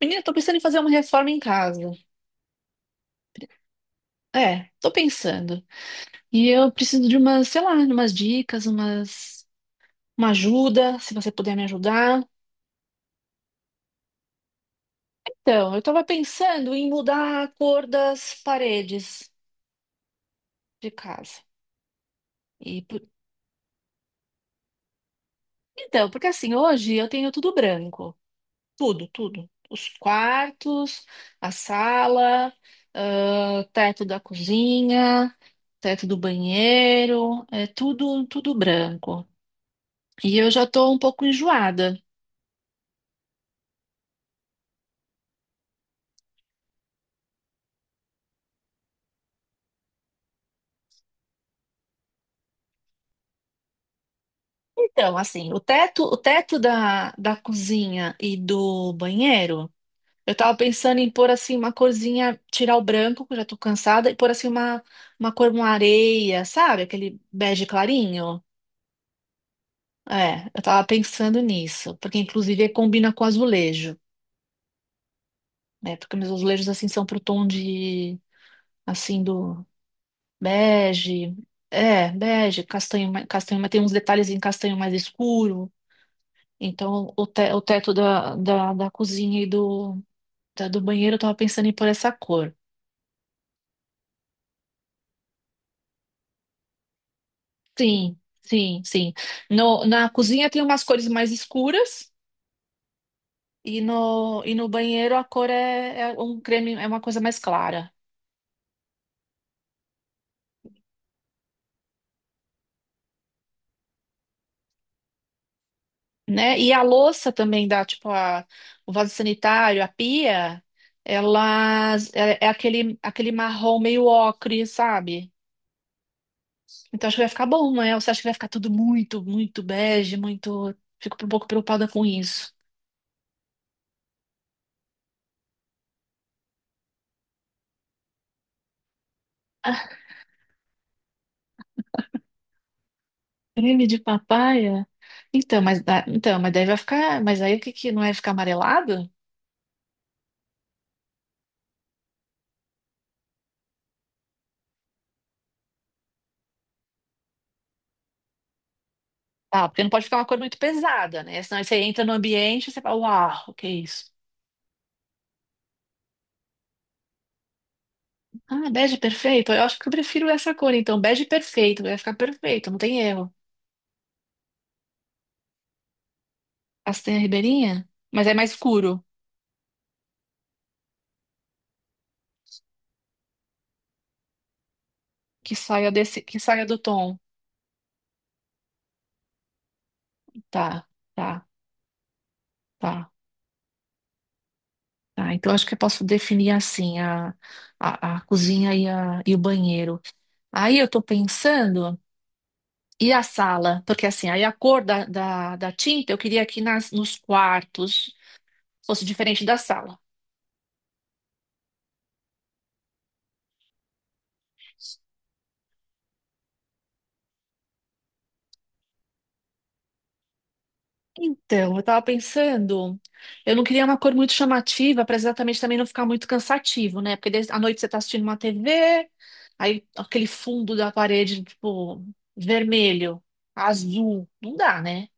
Menina, tô pensando em fazer uma reforma em casa. É, tô pensando. E eu preciso de umas, sei lá, umas dicas, uma ajuda, se você puder me ajudar. Então, eu tava pensando em mudar a cor das paredes de casa. E por- Então, porque assim, hoje eu tenho tudo branco. Tudo, tudo. Os quartos, a sala, ah, teto da cozinha, teto do banheiro, é tudo, tudo branco. E eu já estou um pouco enjoada. Então, assim, o teto da cozinha e do banheiro, eu tava pensando em pôr assim uma corzinha, tirar o branco, que eu já tô cansada, e pôr assim uma cor, uma areia, sabe? Aquele bege clarinho. É, eu tava pensando nisso, porque inclusive combina com azulejo, né? Porque meus azulejos assim são pro tom de assim do bege. É, bege, castanho, castanho, mas tem uns detalhes em castanho mais escuro. Então, o teto da cozinha e do banheiro eu tava pensando em pôr essa cor. Sim, sim, sim. No, Na cozinha tem umas cores mais escuras e no banheiro a cor é um creme, é uma coisa mais clara, né? E a louça também dá, tipo, o vaso sanitário, a pia, ela é aquele marrom meio ocre, sabe? Então acho que vai ficar bom, né? Você acha que vai ficar tudo muito, muito bege, muito. Fico um pouco preocupada com isso. Creme de papaya? Então, mas daí vai ficar. Mas aí o que que não é ficar amarelado? Ah, porque não pode ficar uma cor muito pesada, né? Senão você entra no ambiente e você fala, uau, o que é isso? Ah, bege perfeito? Eu acho que eu prefiro essa cor, então. Bege perfeito, vai ficar perfeito, não tem erro. Castanha ribeirinha? Mas é mais escuro, que saia desse, que saia do tom. Tá, tá, tá, tá. Então acho que eu posso definir assim a, a cozinha e, e o banheiro. Aí eu tô pensando. E a sala, porque assim, aí a cor da tinta eu queria que nos quartos fosse diferente da sala. Então, eu tava pensando, eu não queria uma cor muito chamativa para exatamente também não ficar muito cansativo, né? Porque à noite você tá assistindo uma TV, aí aquele fundo da parede, tipo, vermelho, azul, não dá, né?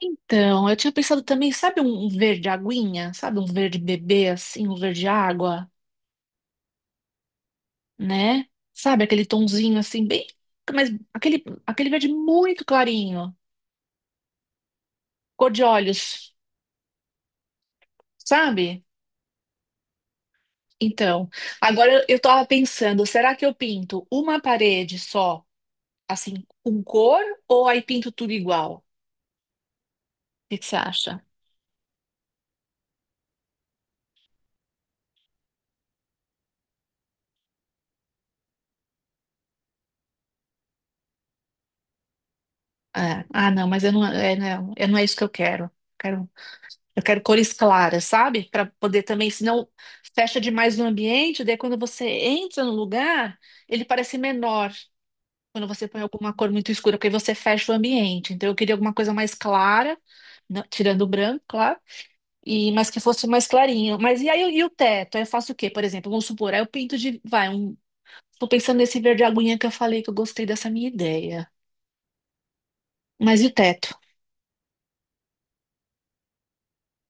Então, eu tinha pensado também, sabe um verde aguinha? Sabe um verde bebê, assim, um verde água? Né? Sabe aquele tonzinho assim, bem. Mas aquele, aquele verde muito clarinho, cor de olhos, sabe? Então, agora eu tava pensando, será que eu pinto uma parede só, assim, com cor, ou aí pinto tudo igual? O que que você acha? É, ah, não, mas eu não, é, não, não é isso que eu quero. Quero, eu quero cores claras, sabe? Para poder também, senão fecha demais no ambiente, daí quando você entra no lugar, ele parece menor. Quando você põe alguma cor muito escura, porque você fecha o ambiente. Então eu queria alguma coisa mais clara, não- tirando o branco, claro, e mas que fosse mais clarinho. Mas e aí e o teto? Aí eu faço o quê? Por exemplo, vamos supor, aí eu pinto de, vai, um, tô pensando nesse verde aguinha que eu falei que eu gostei dessa minha ideia. Mas e o teto?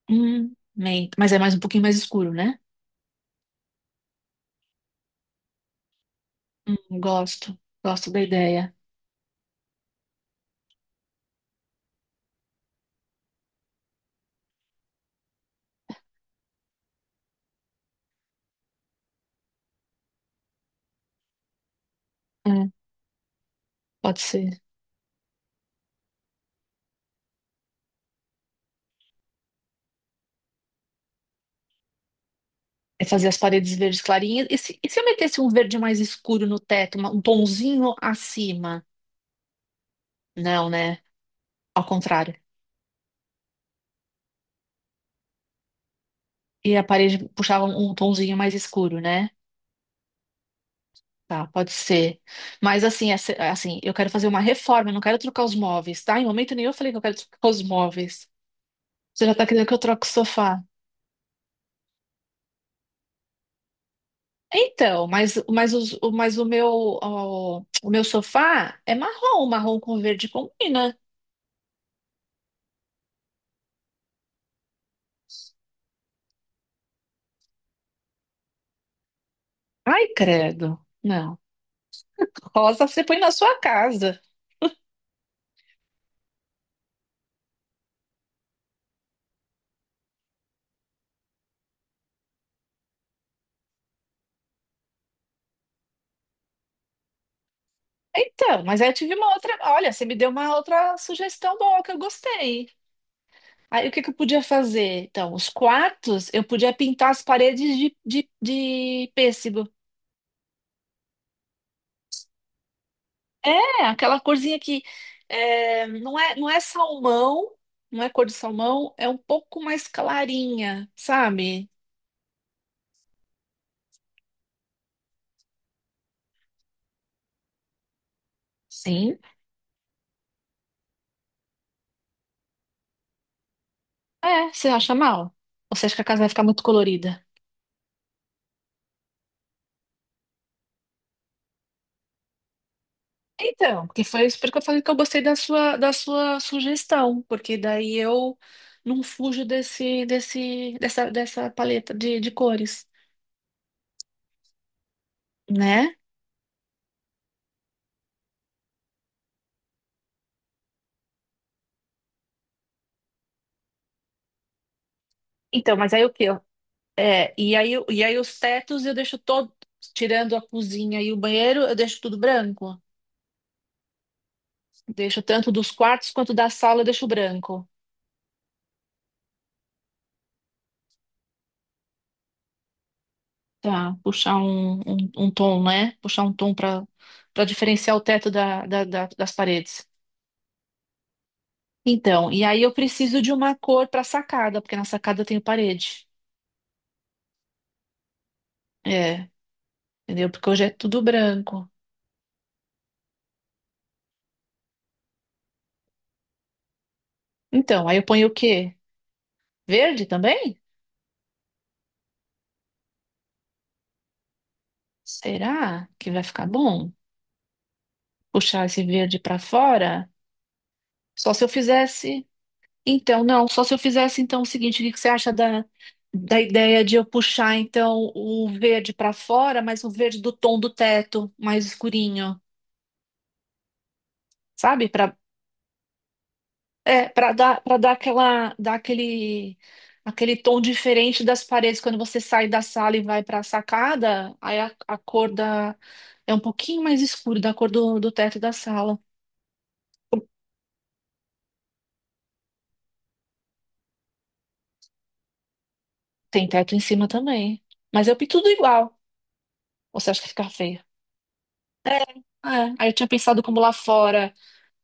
Bem, mas é mais um pouquinho mais escuro, né? Gosto, gosto da ideia. Hum, pode ser. É fazer as paredes verdes clarinhas. E se eu metesse um verde mais escuro no teto, um tonzinho acima? Não, né? Ao contrário. E a parede puxava um tonzinho mais escuro, né? Tá, pode ser. Mas assim, assim, eu quero fazer uma reforma, eu não quero trocar os móveis, tá? Em momento nenhum eu falei que eu quero trocar os móveis. Você já tá querendo que eu troque o sofá? Então, mas, mas o meu, ó, meu sofá é marrom, marrom com verde combina. Ai, credo. Não. Rosa você põe na sua casa. Então, mas aí eu tive uma outra. Olha, você me deu uma outra sugestão boa que eu gostei. Aí o que que eu podia fazer? Então, os quartos eu podia pintar as paredes de pêssego. É, aquela corzinha que não é, não é salmão, não é cor de salmão, é um pouco mais clarinha, sabe? Sim. É, você acha mal? Ou você acha que a casa vai ficar muito colorida? Então, porque foi isso porque eu falei que eu gostei da sua sugestão, porque daí eu não fujo dessa paleta de cores, né? Então, mas aí o quê? É, e aí, e aí os tetos eu deixo todo, tirando a cozinha e o banheiro, eu deixo tudo branco. Deixo tanto dos quartos quanto da sala, eu deixo branco. Tá, puxar um tom, né? Puxar um tom para diferenciar o teto das paredes. Então, e aí eu preciso de uma cor para sacada, porque na sacada eu tenho parede. É, entendeu? Porque hoje é tudo branco. Então, aí eu ponho o quê? Verde também? Será que vai ficar bom? Puxar esse verde para fora? Só se eu fizesse. Então, não, só se eu fizesse então o seguinte, o que que você acha da ideia de eu puxar então o verde para fora, mas o verde do tom do teto, mais escurinho, sabe? Para para dar, para dar aquela, dar aquele tom diferente das paredes quando você sai da sala e vai para a sacada, aí a cor da é um pouquinho mais escuro da cor do teto da sala. Tem teto em cima também, mas eu pinto tudo igual. Ou você acha que fica feio? É, é. Aí eu tinha pensado como lá fora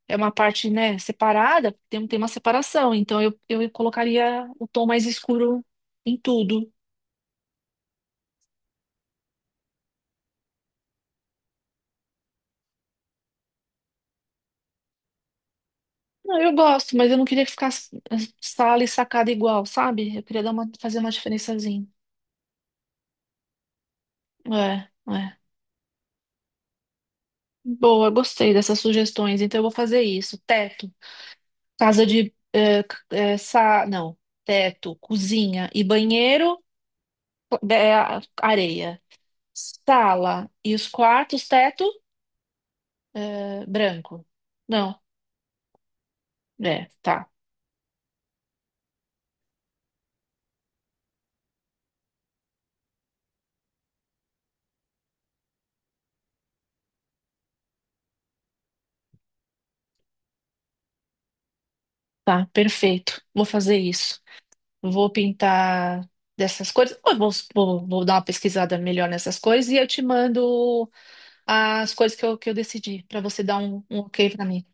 é uma parte, né, separada, tem uma separação, então eu colocaria o tom mais escuro em tudo. Não, eu gosto, mas eu não queria que ficasse sala e sacada igual, sabe? Eu queria fazer uma diferençazinha. É, é. Boa, gostei dessas sugestões, então eu vou fazer isso. Teto, casa de, é, c- é, sa, não, teto, cozinha e banheiro, é, areia. Sala e os quartos, teto. Ah, branco. Não, é, tá, tá, perfeito. Vou fazer isso. Vou pintar dessas cores. Eu vou dar uma pesquisada melhor nessas cores e eu te mando as cores que eu decidi, para você dar um ok para mim.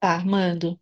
Tá, mando.